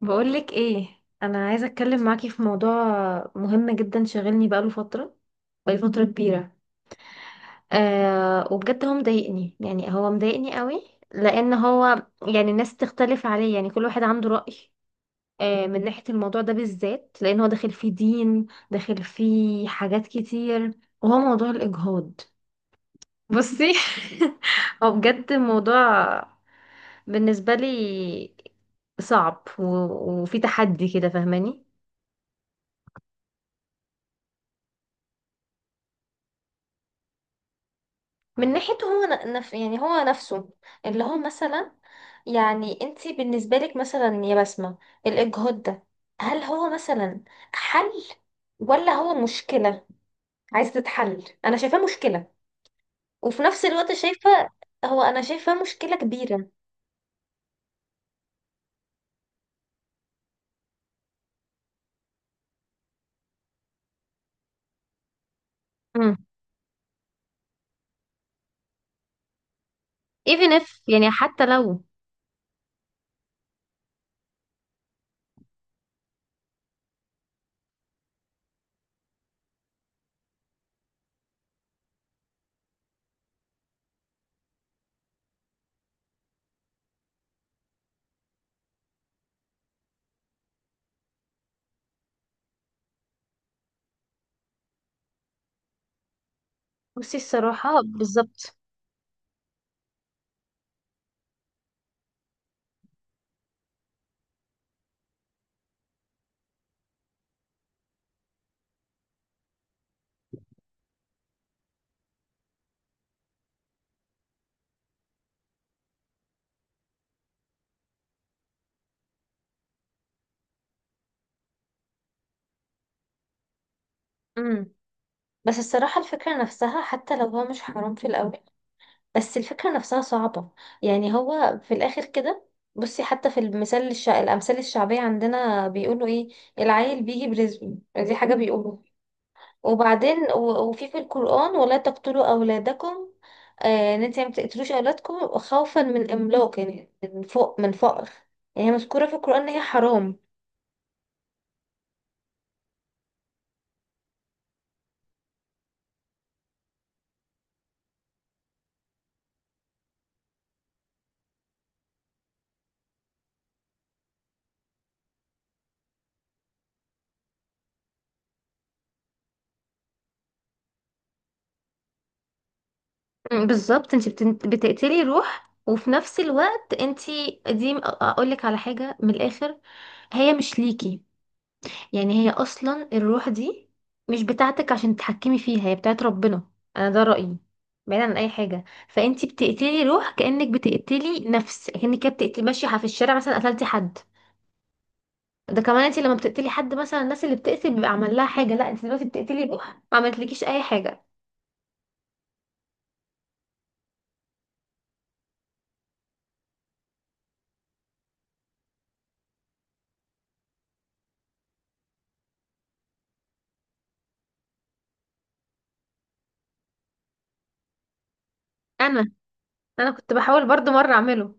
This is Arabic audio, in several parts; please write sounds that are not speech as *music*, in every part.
بقولك ايه. انا عايزه اتكلم معاكي في موضوع مهم جدا شاغلني بقاله فتره كبيره. آه، وبجد هو مضايقني قوي. لان هو يعني الناس تختلف عليه، يعني كل واحد عنده رأي. من ناحيه الموضوع ده بالذات، لان هو داخل فيه دين، داخل فيه حاجات كتير، وهو موضوع الاجهاض. بصي. *laughs* هو بجد موضوع بالنسبه لي صعب وفي تحدي كده، فاهماني؟ من ناحيته هو ن- نف يعني هو نفسه، اللي هو مثلا، يعني انت بالنسبة لك مثلا يا بسمة، الإجهاض ده، هل هو مثلا حل، ولا هو مشكلة عايزة تتحل؟ أنا شايفاه مشكلة، وفي نفس الوقت شايفة هو أنا شايفاه مشكلة كبيرة. امم. even if، يعني حتى لو. بصي الصراحة بالظبط. امم. بس الصراحة الفكرة نفسها، حتى لو هو مش حرام في الأول، بس الفكرة نفسها صعبة. يعني هو في الآخر كده، بصي، حتى في الأمثال الشعبية عندنا بيقولوا إيه؟ العيل بيجي برزقه، دي حاجة بيقولوا. وبعدين وفي القرآن، ولا تقتلوا أولادكم. إن أنت ما تقتلوش أولادكم خوفا من إملاق، يعني من فوق، من فقر. يعني هي مذكورة في القرآن إن هي حرام. أمم، بالظبط. انت بتقتلي روح، وفي نفس الوقت انت، دي اقول لك على حاجه من الاخر، هي مش ليكي. يعني هي اصلا الروح دي مش بتاعتك عشان تتحكمي فيها، هي بتاعت ربنا. انا ده رأيي. بعيدا عن اي حاجه، فانتي بتقتلي روح، كأنك بتقتلي نفس، كأنك كده بتقتلي ماشيه في الشارع مثلا قتلتي حد. ده كمان انتي لما بتقتلي حد مثلا، الناس اللي بتقتل بيبقى عمل لها حاجه، لا انتي دلوقتي بتقتلي روح ما عملتلكيش اي حاجه. انا انا كنت بحاول برضو مره اعمله.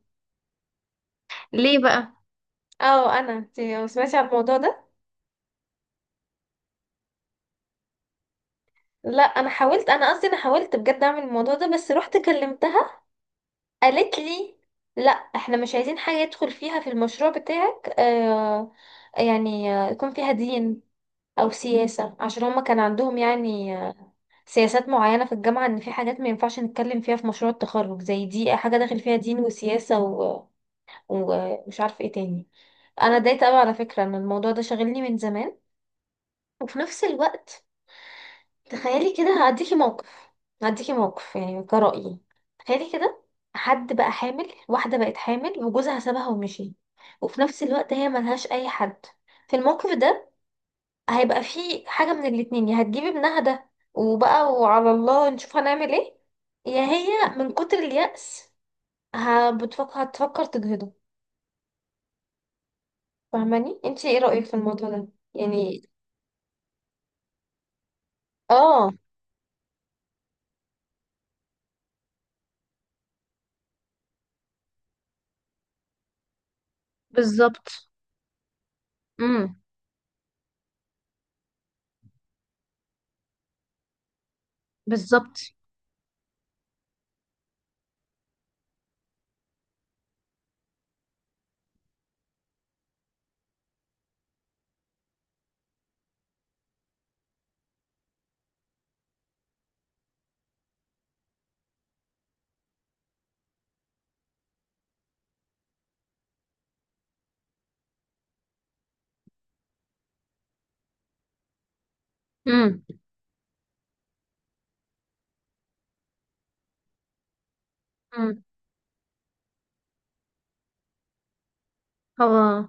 ليه بقى؟ اه، انتي ما سمعتي عن الموضوع ده؟ لا انا حاولت، انا قصدي انا حاولت بجد اعمل الموضوع ده، بس رحت كلمتها، قالت لي لا احنا مش عايزين حاجة يدخل فيها في المشروع بتاعك. آه، يعني يكون فيها دين او سياسة، عشان هما كان عندهم يعني سياسات معينة في الجامعة، ان في حاجات ما ينفعش نتكلم فيها في مشروع التخرج زي دي، حاجة داخل فيها دين وسياسة ومش عارف ايه تاني. انا اتضايقت قوي على فكرة ان الموضوع ده شاغلني من زمان. وفي نفس الوقت، تخيلي كده، هديكي موقف يعني كرأيي. تخيلي كده، حد بقى حامل واحدة بقت حامل وجوزها سابها ومشي، وفي نفس الوقت هي ملهاش أي حد. في الموقف ده هيبقى فيه حاجة من الاتنين، يا هتجيبي ابنها ده وبقى وعلى الله نشوف هنعمل ايه، يا هي من كتر اليأس ه- بتفكر هتفكر تجهضه. فاهماني؟ انتي ايه رأيك في الموضوع ده؟ يعني، اه، بالظبط. امم. بالظبط. امم. امم. هو،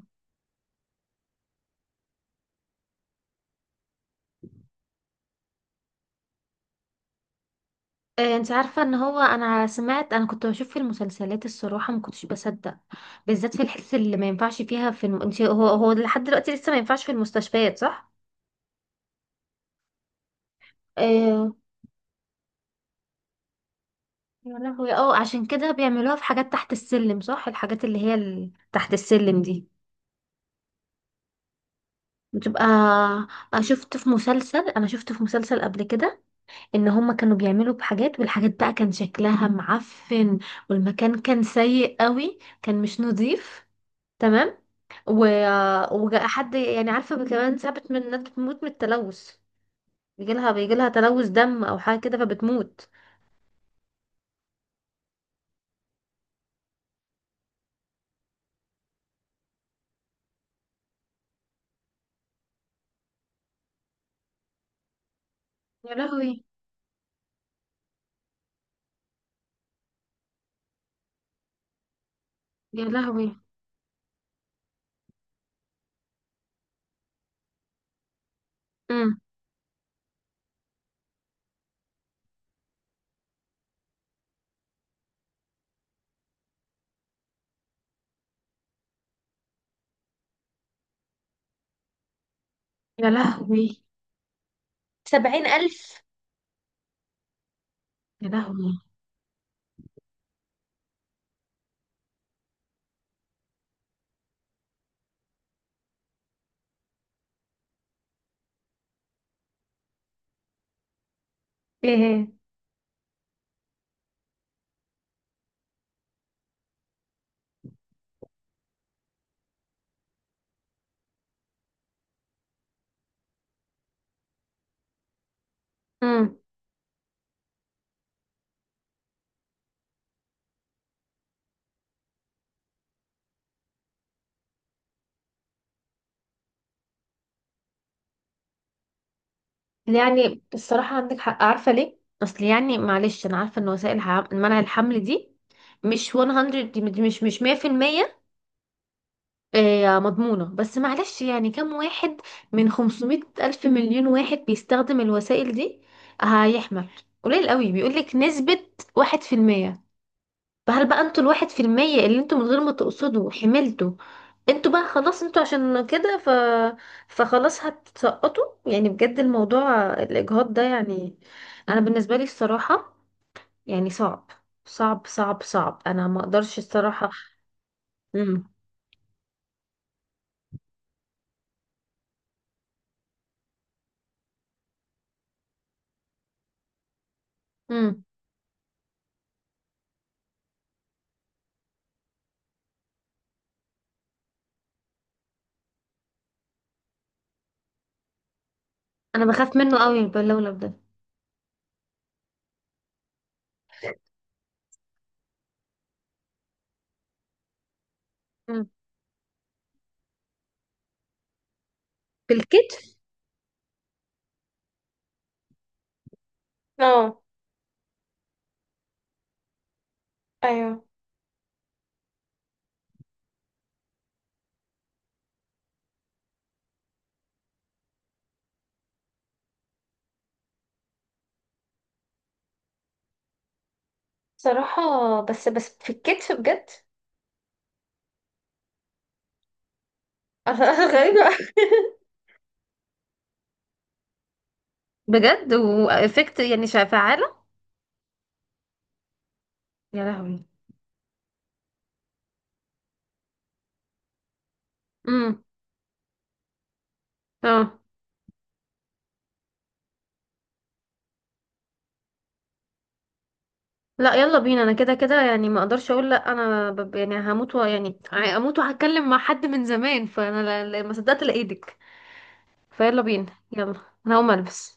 انت عارفة ان هو، انا سمعت، انا كنت بشوف في المسلسلات الصراحة ما كنتش بصدق. بالذات في الحس اللي ما ينفعش فيها في الم... انت هو لحد دلوقتي لسه ما ينفعش في المستشفيات، صح؟ اه. يا لهوي، اه عشان كده بيعملوها في حاجات تحت السلم، صح؟ الحاجات اللي هي، ال... تحت السلم دي بتبقى. انا شفت في مسلسل انا شفت في مسلسل قبل كده، ان هما كانوا بيعملوا بحاجات، والحاجات بقى كان شكلها معفن، والمكان كان سيء قوي، كان مش نظيف. تمام. و... وحد، يعني عارفة، كمان ساعات من الناس بتموت من التلوث، بيجيلها تلوث دم أو حاجة كده فبتموت. يا لهوي. يا لهوي. امم. يا لهوي. 70 ألف. يا لهوي. ايه؟ امم. يعني الصراحة عندك حق، عارفة ليه؟ أصل يعني معلش، أنا عارفة إن وسائل منع الحمل دي مش 100، دي مش 100%، آه، مضمونة. بس معلش، يعني كم واحد من 500 ألف مليون واحد بيستخدم الوسائل دي هيحمل؟ قليل قوي، بيقولك نسبة 1%. فهل بقى انتوا ال 1% اللي انتوا من غير ما تقصدوا حملتوا، انتوا بقى خلاص، انتوا عشان كده فخلاص هتسقطوا؟ يعني بجد، الموضوع الإجهاض ده يعني، أنا بالنسبة لي الصراحة يعني صعب، صعب صعب صعب، أنا ما أقدرش الصراحة. مم. مم. أنا بخاف منه قوي، باللولب ده. بالكتف؟ اه. ايوه، صراحة. بس بس في الكتف بجد. *laughs* انا غريبة. بجد وافكت يعني فعالة؟ يا لهوي. امم. اه. لا، يلا بينا، انا كده كده يعني ما اقدرش اقول لا، انا ب... يعني هموت و... يعني هموت وهتكلم مع حد من زمان، فانا ما صدقت لقيتك. فيلا بينا، يلا، انا هقوم البس.